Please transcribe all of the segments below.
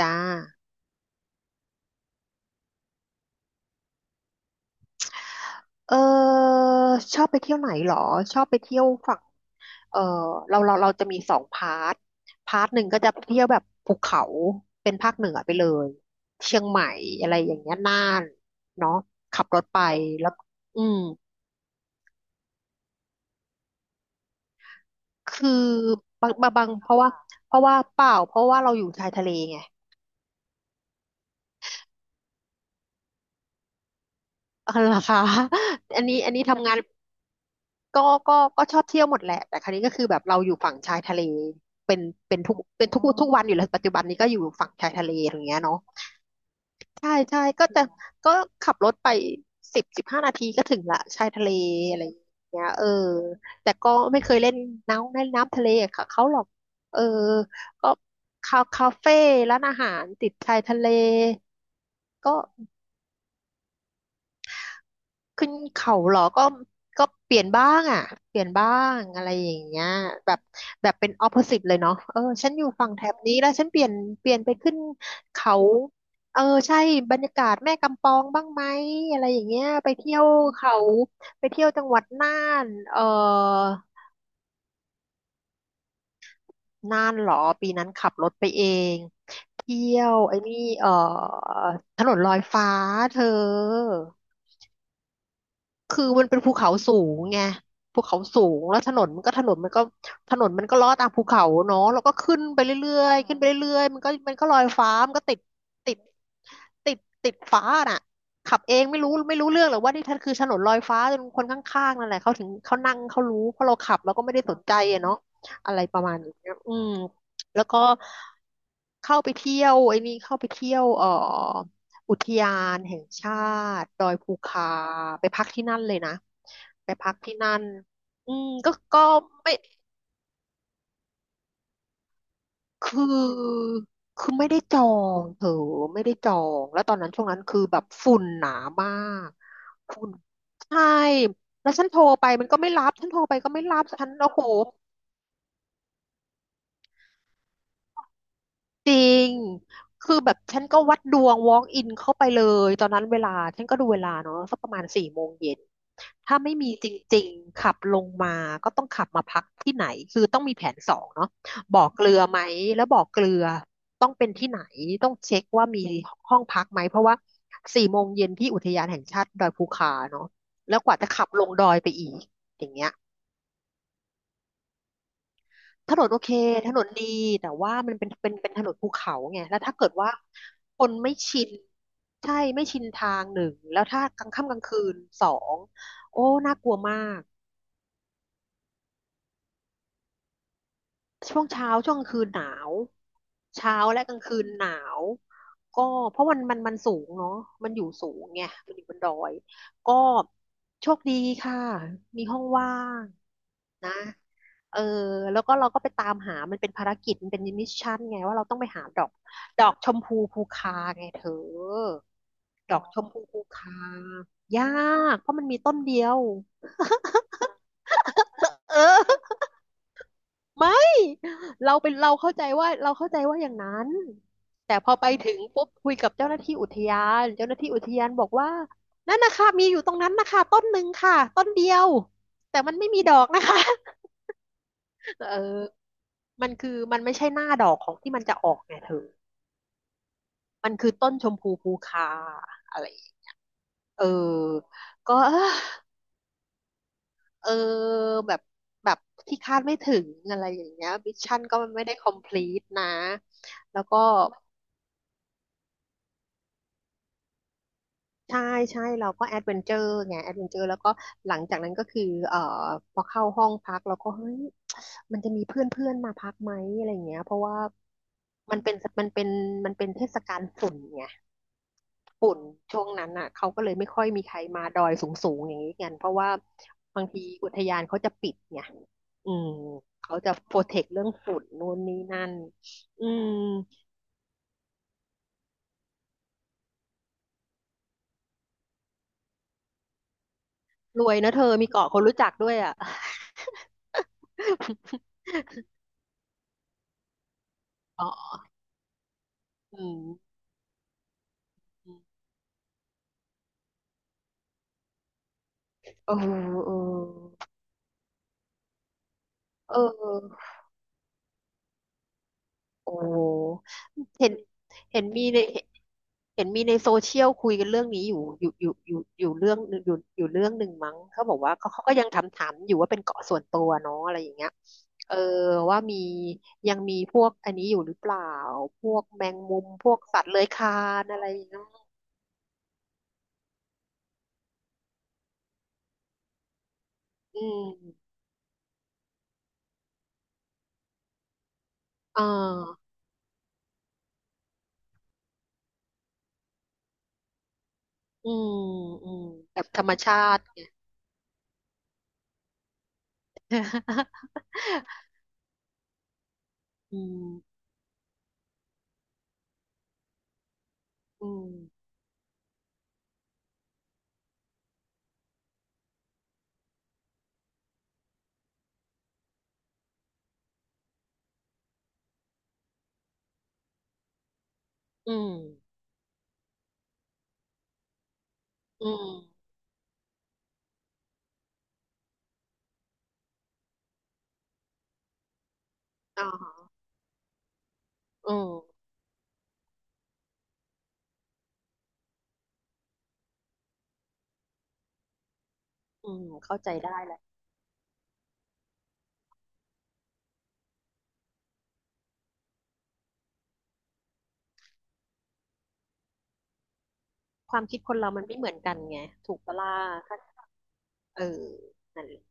จ้าเออชอบไปเที่ยวไหนเหรอ ชอบไปเที่ยวฝั่งเออเราจะมีสองพาร์ท พาร์ทหนึ่งก็จะเที่ยวแบบภูเขา เป็นภาคเหนือไปเลย เชียงใหม่อะไรอย่างเงี้ยน่านเนาะขับรถไปแล้วอืมคือบางเพราะว่าเปล่า เพราะว่าเราอยู่ชายทะเลไง เออเหรอคะ อันนี้ทำงาน ก็ก็ชอบเที่ยวหมดแหละ แต่ครั้นี้ก็คือแบบเราอยู่ฝั่งชายทะเล เป็นเป็นทุกวันอยู่แล้วปัจจุบันนี้ก็อยู่ฝั่งชายทะเลอย่างเงี้ยเนาะใช่ใช่ก็จะก็ขับรถไปสิบห้านาทีก็ถึงละชายทะเลอะไรอย่างเงี้ยเออแต่ก็ไม่เคยเล่นน้ำเล่นน้ำทะเลค่ะเขาหรอกเออก็คาเฟ่ร้านอาหารติดชายทะเลก็ ขึ้นเขาเหรอก็เปลี่ยนบ้างอ่ะเปลี่ยนบ้างอะไรอย่างเงี้ยแบบแบบเป็นออ p o s สิ e เลยเนาะเออฉันอยู่ฝั่งแถบนี้แล้วฉันเปลี่ยนไปขึ้นเขา เออ ใช่ บรรยากาศแม่กำปองบ้างไหมอะไรอย่างเงี้ยไปเที่ยวเขาไปเที่ยวจังหวัดน่านเออน่านเหรอ ปีนั้นขับรถไปเอง เที่ยวไอ้นี่เออถนนลอยฟ้าเธอ คือมันเป็นภูเขาสูงไงภูเขาสูงแล้วถนนมันก็ลอดตามภูเขาเนาะแล้วก็ขึ้นไปเรื่อยๆขึ้นไปเรื่อยๆมันก็ลอยฟ้ามันก็ติดติดติดฟ้าน่ะขับเองไม่รู้เรื่องหรอกว่านี่ท่านคือถนนลอยฟ้าจนคนข้างๆนั่นแหละเขาถึงเขานั่งเขารู้เพราะเราขับเราก็ไม่ได้สนใจอะเนาะอะไรประมาณนี้อืมแล้วก็เข้าไปเที่ยวไอ้นี่เข้าไปเที่ยวอุทยานแห่งชาติดอยภูคาไปพักที่นั่นเลยนะไปพักที่นั่นอืมก็ไม่คือคือไม่ได้จองเถอะไม่ได้จองแล้วตอนนั้นช่วงนั้นคือแบบฝุ่นหนามากฝุ่นใช่แล้วฉันโทรไปมันก็ไม่รับฉันโทรไปก็ไม่รับฉันโอ้โหจริงคือแบบฉันก็วัดดวง walk in เข้าไปเลยตอนนั้นเวลาฉันก็ดูเวลาเนาะสักประมาณสี่โมงเย็น ถ้าไม่มีจริงๆขับลงมาก็ต้องขับมาพักที่ไหนคือต้องมีแผนสองเนาะบ่อเกลือไหมแล้วบ่อเกลือต้องเป็นที่ไหนต้องเช็คว่ามีห้องพักไหมเพราะว่าสี่โมงเย็นที่อุทยานแห่งชาติดอยภูคาเนาะแล้วกว่าจะขับลงดอยไปอีกอย่างเงี้ยถนนโอเคถนนดีแต่ว่ามันเป็นถนนภูเขาไงแล้วถ้าเกิดว่าคนไม่ชินใช่ไม่ชินทางหนึ่งแล้วถ้ากลางค่ำกลางคืนสองโอ้น่ากลัวมาก ช่วงเช้าช่วงกลางคืนหนาวเช้าและกลางคืนหนาวก็เพราะมันสูงเนาะมันอยู่สูงไงมันอยู่บนดอยก็โชคดีค่ะมีห้องว่างนะเออแล้วก็เราก็ไปตามหามันเป็นภารกิจมันเป็นมิชชั่นไงว่าเราต้องไปหาดอกดอกชมพูภูคาไงเธอดอกชมพูภูคายากเพราะมันมีต้นเดียวเออ ไม่เราเป็นเราเข้าใจว่าเราเข้าใจว่าอย่างนั้น แต่พอไปถึงปุ๊บคุยกับเจ้าหน้าที่อุทยานเจ้าหน้าที่อุทยานบอกว่านั่นนะคะมีอยู่ตรงนั้นนะคะต้นหนึ่งค่ะต้นเดียว แต่มันไม่มีดอกนะคะ เออมันคือมันไม่ใช่หน้าดอกของที่มันจะออกไงเธอมันคือต้นชมพูภูคาอะไรอย่างเงี้ยเออก็เออเออแบบแบบที่คาดไม่ถึงอะไรอย่างเงี้ยมิชชั่นก็ไม่ได้ complete นะ แล้วก็ ใช่ใช่เราก็แอดเวนเจอร์ไงแอดเวนเจอร์แล้วก็หลังจากนั้นก็คือเอ่อพอเข้าห้องพักเราก็เฮ้ยมันจะมีเพื่อนเพื่อนมาพักไหมอะไรอย่างเงี้ยเพราะว่ามันเป็นมันเป็นมันเป็นเทศกาลฝุ่นไงฝุ่นช่วงนั้นอ่ะเขาก็เลยไม่ค่อยมีใครมาดอยสูงสูงอย่างนี้กันเพราะว่าบางทีอุทยานเขาจะปิดไงอืมเขาจะโปรเทคเรื่องฝุ่นนู่นนี่นั่นอืมรวยนะเธอมีเกาะคนรู้จักด้วยอ่ะ อ๋อ อืมอืมเออเออเออโอ้เห็นเห็นมีในเห็นมีในโซเชียลคุยกันเรื่องนี้อยู่เรื่องอยู่อยู่เรื่องหนึ่งมั้ง เขาบอกว่าเขาก็ยังถามอยู่ว่าเป็นเกาะส่วนตัวเนาะอะไรอย่างเงี้ยเออว่ามียังมีพวกอันนี้อยู่หรือเปล่า พวกแมงมุม พวกสัตว์เลื้อยคลานอะไรอย่างเงี้ยอืมอ่าอืมอืมแบบธรรมชาติไง อืมอืม อืมอืมอ๋ออืมอืมเข้าใจได้แหละความคิดคนเรามันไม่เหมือนกันไง ถูกปะล่ะถ้าเออนั่นแหละ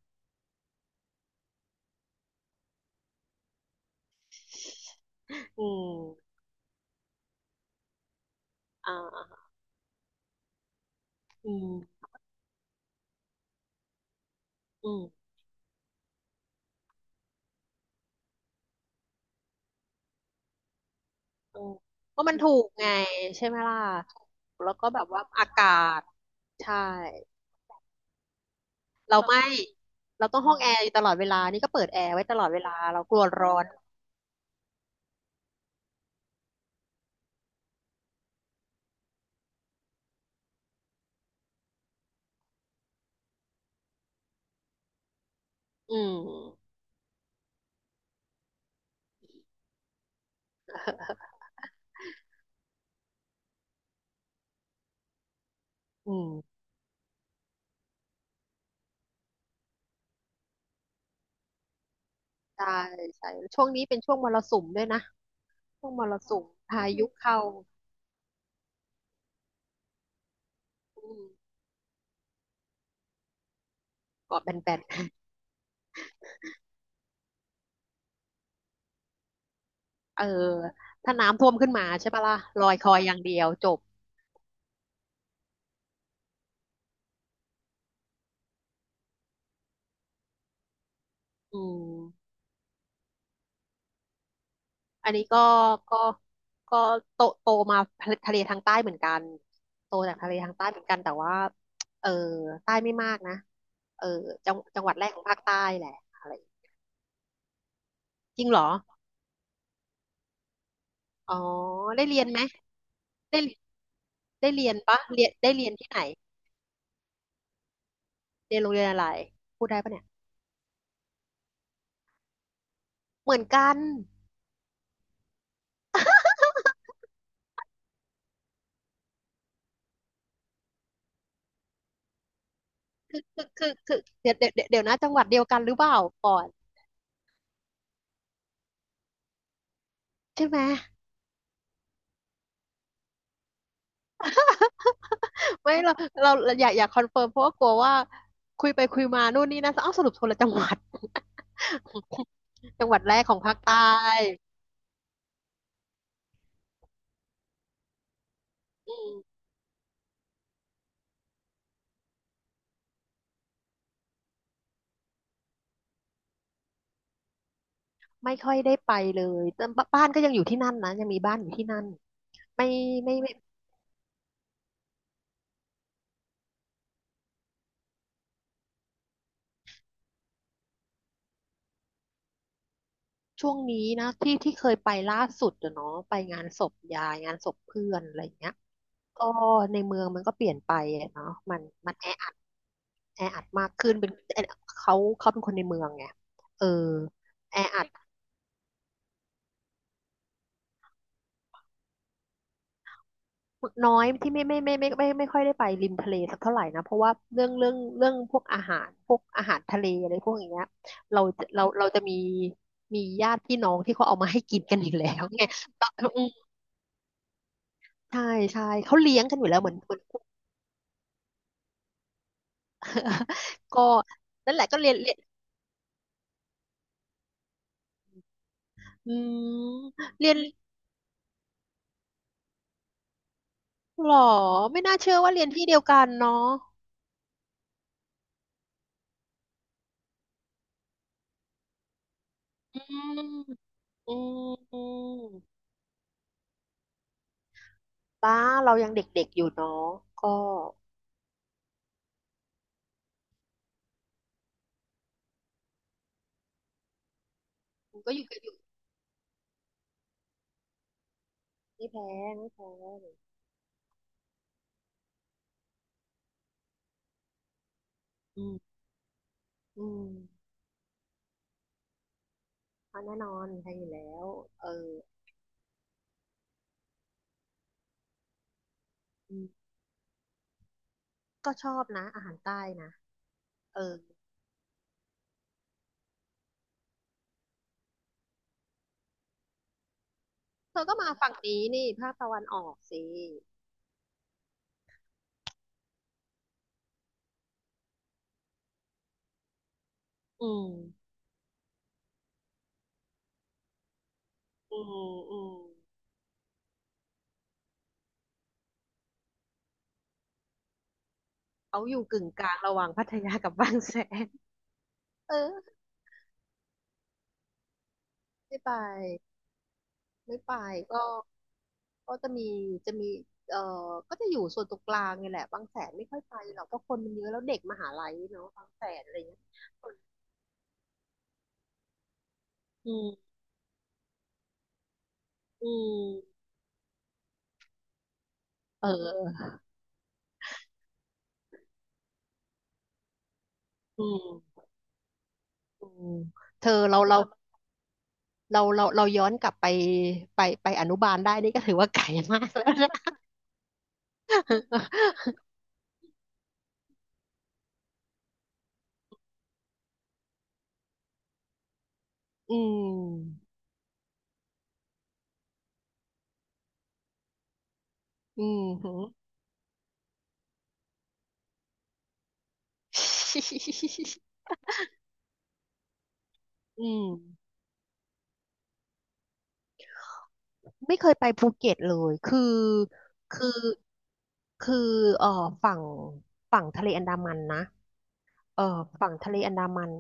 อืมอ่าอืมอืมอืมก็มันถูกไงใช่ไหมล่ะถูกแล้วก็แบบว่าอากาศใช่เราไม่เราต้องห้องแอร์อยู่ตลอดเวลานี่ก็เปิดแอร์ไว้ตลอดเวลาเรากลัวร้อนอืมอืมใช่ใช่ช่วงนี้เป็นช่วงมรสุมด้วยนะช่วงมรสุมพายุเข้าอืมเกาะแบน เออถ้าน้ำท่วมขึ้นมาใช่ปะล่ะลอยคอยอย่างเดียวจบอืมอันนี้ก็ก็ก็โตมาทะเลทางใต้เหมือนกันโตจากทะเลทางใต้เหมือนกันแต่ว่าเออใต้ไม่มากนะเออจังหวัดแรกของภาคใต้แหละอะไรจริงเหรออ๋อได้เรียนไหมได้ได้เรียนปะเรียนได้เรียนที่ไหนเรียนโรงเรียนอะไรพูดได้ปะเนี่ยเหมือนกันคือเดี๋ยวนะจังหวัดเดียวกันหรือเปล่าก่อนใช่ไหม ไม่เราเราอยากคอนเฟิร์มเพราะว่ากลัวว่าคุยไปคุยมานู่นนี่นะอ้าวสรุปคนละจังหวัด จังหวัดแรกของภาคใต้ไม่ค่อยได้ไปเลยแต่บบ้านก็ยังอยู่ที่นั่นนะยังมีบ้านอยู่ที่นั่นไม่ไม่ช่วงนี้นะที่ที่เคยไปล่าสุดอะเนาะไปงานศพยายงานศพเพื่อนอะไรอย่างเงี้ยก็ในเมืองมันก็เปลี่ยนไปอะเนาะมันมันแออัดแออัดมากขึ้นเป็นเขาเขาเป็นคนในเมืองไงเออแออัด น้อยที่ไม่ค่อยได้ไปริมทะเลสักเท่าไหร่นะเพราะว่าเรื่องพวกอาหารพวกอาหารทะเลอะไรพวกอย่างเงี้ยเราจะมีมีญาติพี่น้องที่เขาเอามาให้กินกันอยู่แล้ว ไงตอนอืมใช่ใช่เขาเลี้ยงกันอยู่แล้วเหมือน ก็นั่นแหละก็เรียนอืมเรียนหรอไม่น่าเชื่อว่าเรียนที่เดียวกันเนาะอืมอืมอืมป้าเรายังเด็กๆอยู่เนาะก็ก็อยู่กัน ไม่แพงไม่แพงอืมอืมเพราะแน่นอนแพงอยู่แล้วเอออืมก็ชอบนะ อาหารใต้นะเออเธอก็มาฝั่งนี้นี่ภาคตะวันออกสิอืมอืมอืมเขาอยู่กึ่งกลางระหว่างพัทยากับบางแสนเออไม่ไปไม่ไปก็ก็จะมีจะมีเออก็จะอยู่ส่วนตรงกลางนี่แหละบางแสนไม่ค่อยไปหรอกเพราะคนมันเยอะแล้วเด็กมหาลัยเนาะบางแสนอะไรเงี้ยคนอืมอืมเอออืม อืมเธอเราย้อนกลับไปไปอนุบาลได้นี่ก็ถือว่าไกลมากแล้วนะ อืมอืมหือ อืมไม่เคยไปภูเก็ตเลยคือคือคือเอ่อฝั่งฝั่งทะเลอันดามันนะเอ่อฝั่งทะเลอันดามัน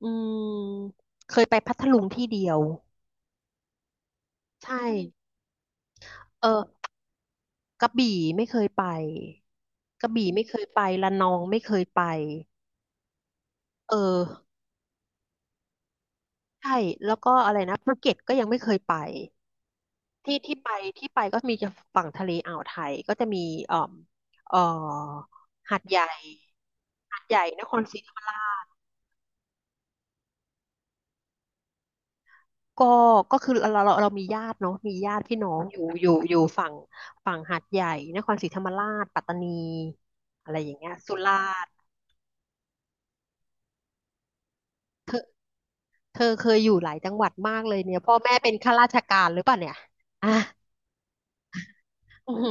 อืมเคยไปพัทลุงที่เดียวใช่เออ กระบี่ไม่เคยไปกระบี่ไม่เคยไประนองไม่เคยไปเออใช่แล้วก็อะไรนะภูเก็ตก็ยังไม่เคยไปที่ที่ไปที่ไปก็มีจะฝั่งทะเลอ่าวไทยก็จะมีเอ่อเอ่อหาดใหญ่หาดใหญ่นครศรีธรรมราชก็ก็คือเรามีญาติเนาะมีญาติพี่น้องอยู่ฝั่งหาดใหญ่นครศรีธรรมราชปัตตานีอะไรอย่างเงี้ยสุราษฎร์เธอ เธอเคยอยู่หลายจังหวัดมากเลยเนี่ยพ่อแม่เป็นข้าราชการหรือเปล่าเนี่ยอ่ะอือหือ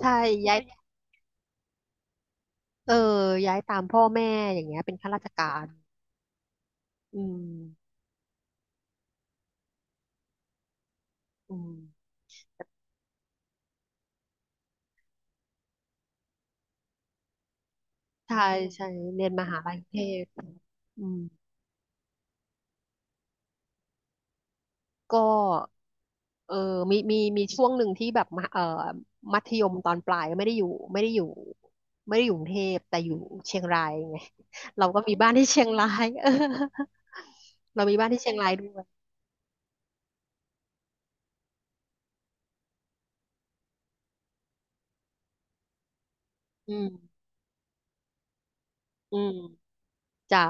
ใช่ย้ายเออย้ายตามพ่อแม่อย่างเงี้ยเป็นข้าราชการอืมอืมใช่ใช่เรียนมหาลัยกรุงเทพอืมก็เออมีช่วงหนึ่งที่แบบมหเออมัธยมตอนปลายไม่ได้อยู่ไม่ได้อยู่กรุงเทพแต่อยู่เชียงรายไงเราก็มีบ้านที่เชียงราย เออเรามีบ้านที่เชียงรายด้วยอืมอืมจ้ะ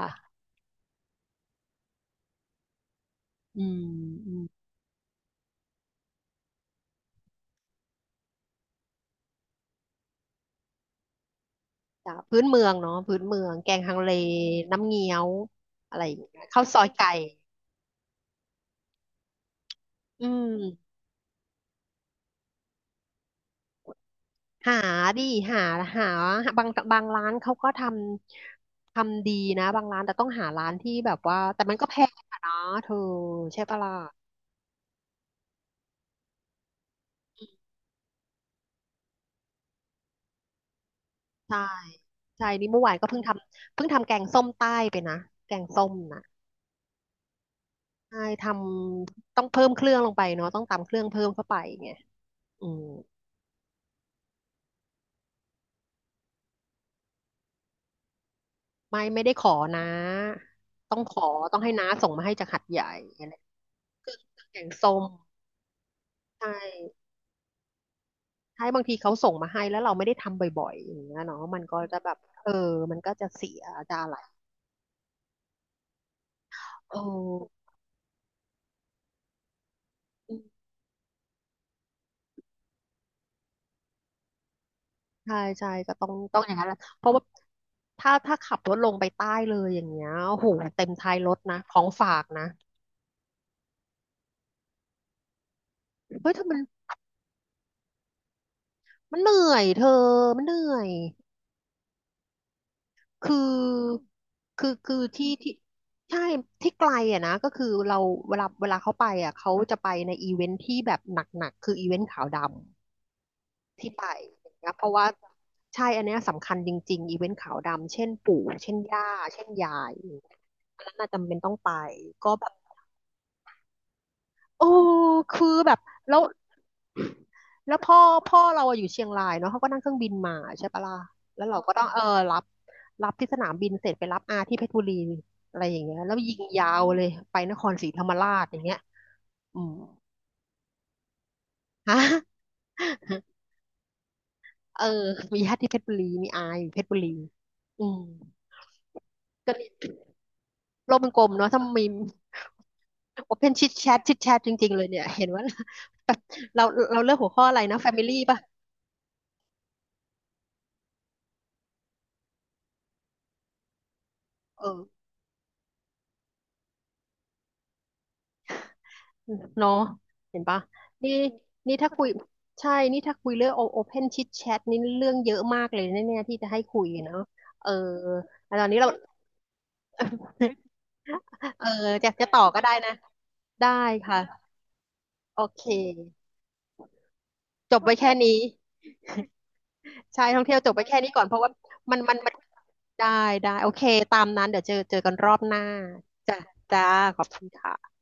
อืมอืมจ้ะพื้นเมืองเนาะพื้นเมืองแกงฮังเลน้ำเงี้ยวอะไรอย่างเงี้ยข้าวซอยไก่อืมหาดิหาหาบางบางร้านเขาก็ทำดีนะบางร้านแต่ต้องหาร้านที่แบบว่าแต่มันก็แพงอะเนาะเธอใช่ปะล่ะใช่ใช่นี่เมื่อวานก็เพิ่งทำแกงส้มใต้ไปนะแกงส้มนะใช่ทำต้องเพิ่มเครื่องลงไปเนาะต้องตำเครื่องเพิ่มเข้าไปไงอืม ไม่ได้ขอนะต้องขอต้องให้น้าส่งมาให้จากหัดใหญ่อะไรเครื่องแกงส้มใช่ใช่บางทีเขาส่งมาให้แล้วเราไม่ได้ทำบ่อยๆอย่างเงี้ยเนาะมันก็จะแบบเออมันก็จะเสียจะอะไรเออใช่ใช่ก็ต้องอย่างนั้นแหละเพราะว่าถ้าขับรถลงไปใต้เลยอย่างเงี้ยโอ้โหเต็มท้ายรถนะของฝากนะเฮ้ยเธอมันเหนื่อยเธอมันเหนื่อย คือคือที่ที่ใช่ที่ไกลอ่ะนะก็คือเราเวลาเขาไปอ่ะเขาจะไปในอีเวนท์ที่แบบหนักๆคืออีเวนท์ขาวดำที่ไปนะเพราะว่าใช่อันเนี้ยสำคัญจริงๆอีเวนท์ขาวดำเช่นปู่เช่นย่าเช่นยายอย่างเงี้ยอันนั้นน่ะจำเป็นต้องไปก็แบบโอ้คือแบบแล้ว แล้วพ่อเราอะอยู่เชียงรายเนาะเขาก็นั่งเครื่องบินมาใช่ปะล่ะแล้วเราก็ต้องเออรับรับที่สนามบินเสร็จไปรับอาที่เพชรบุรีอะไรอย่างเงี้ยแล้วยิงยาวเลยไปนครศรีธรรมราชอย่างเงี้ยอืมฮะ เออมีญาติที่เพชรบุรีมีอาอยู่เพชรบุรีอืมก็โลกมันกลมเนาะถ้ามีโอเพนชิดแชทชิดแชทจริงๆเลยเนี่ยเห็นว่า แบบเราเราเลือกหัวข้ออะไรนะแฟมิลี่ป่ะเออ เนาะเห็นปะนี่นี่ถ้าคุยใช่นี่ถ้าคุยเรื่องโอเพนชิดแชทนี่เรื่องเยอะมากเลยแน่ๆที่จะให้คุยเนาะเออแล้วตอนนี้เรา เออจะต่อก็ได้นะได้ค่ะโอเคจบไว้แค่นี้ใช่ท่องเที่ยวจบไว้แค่นี้ก่อนเพราะว่ามันได้ได้โอเคตามนั้นเดี๋ยวเจอกันรอบหน้าจ้ะจ้าขอบคุณค่ะ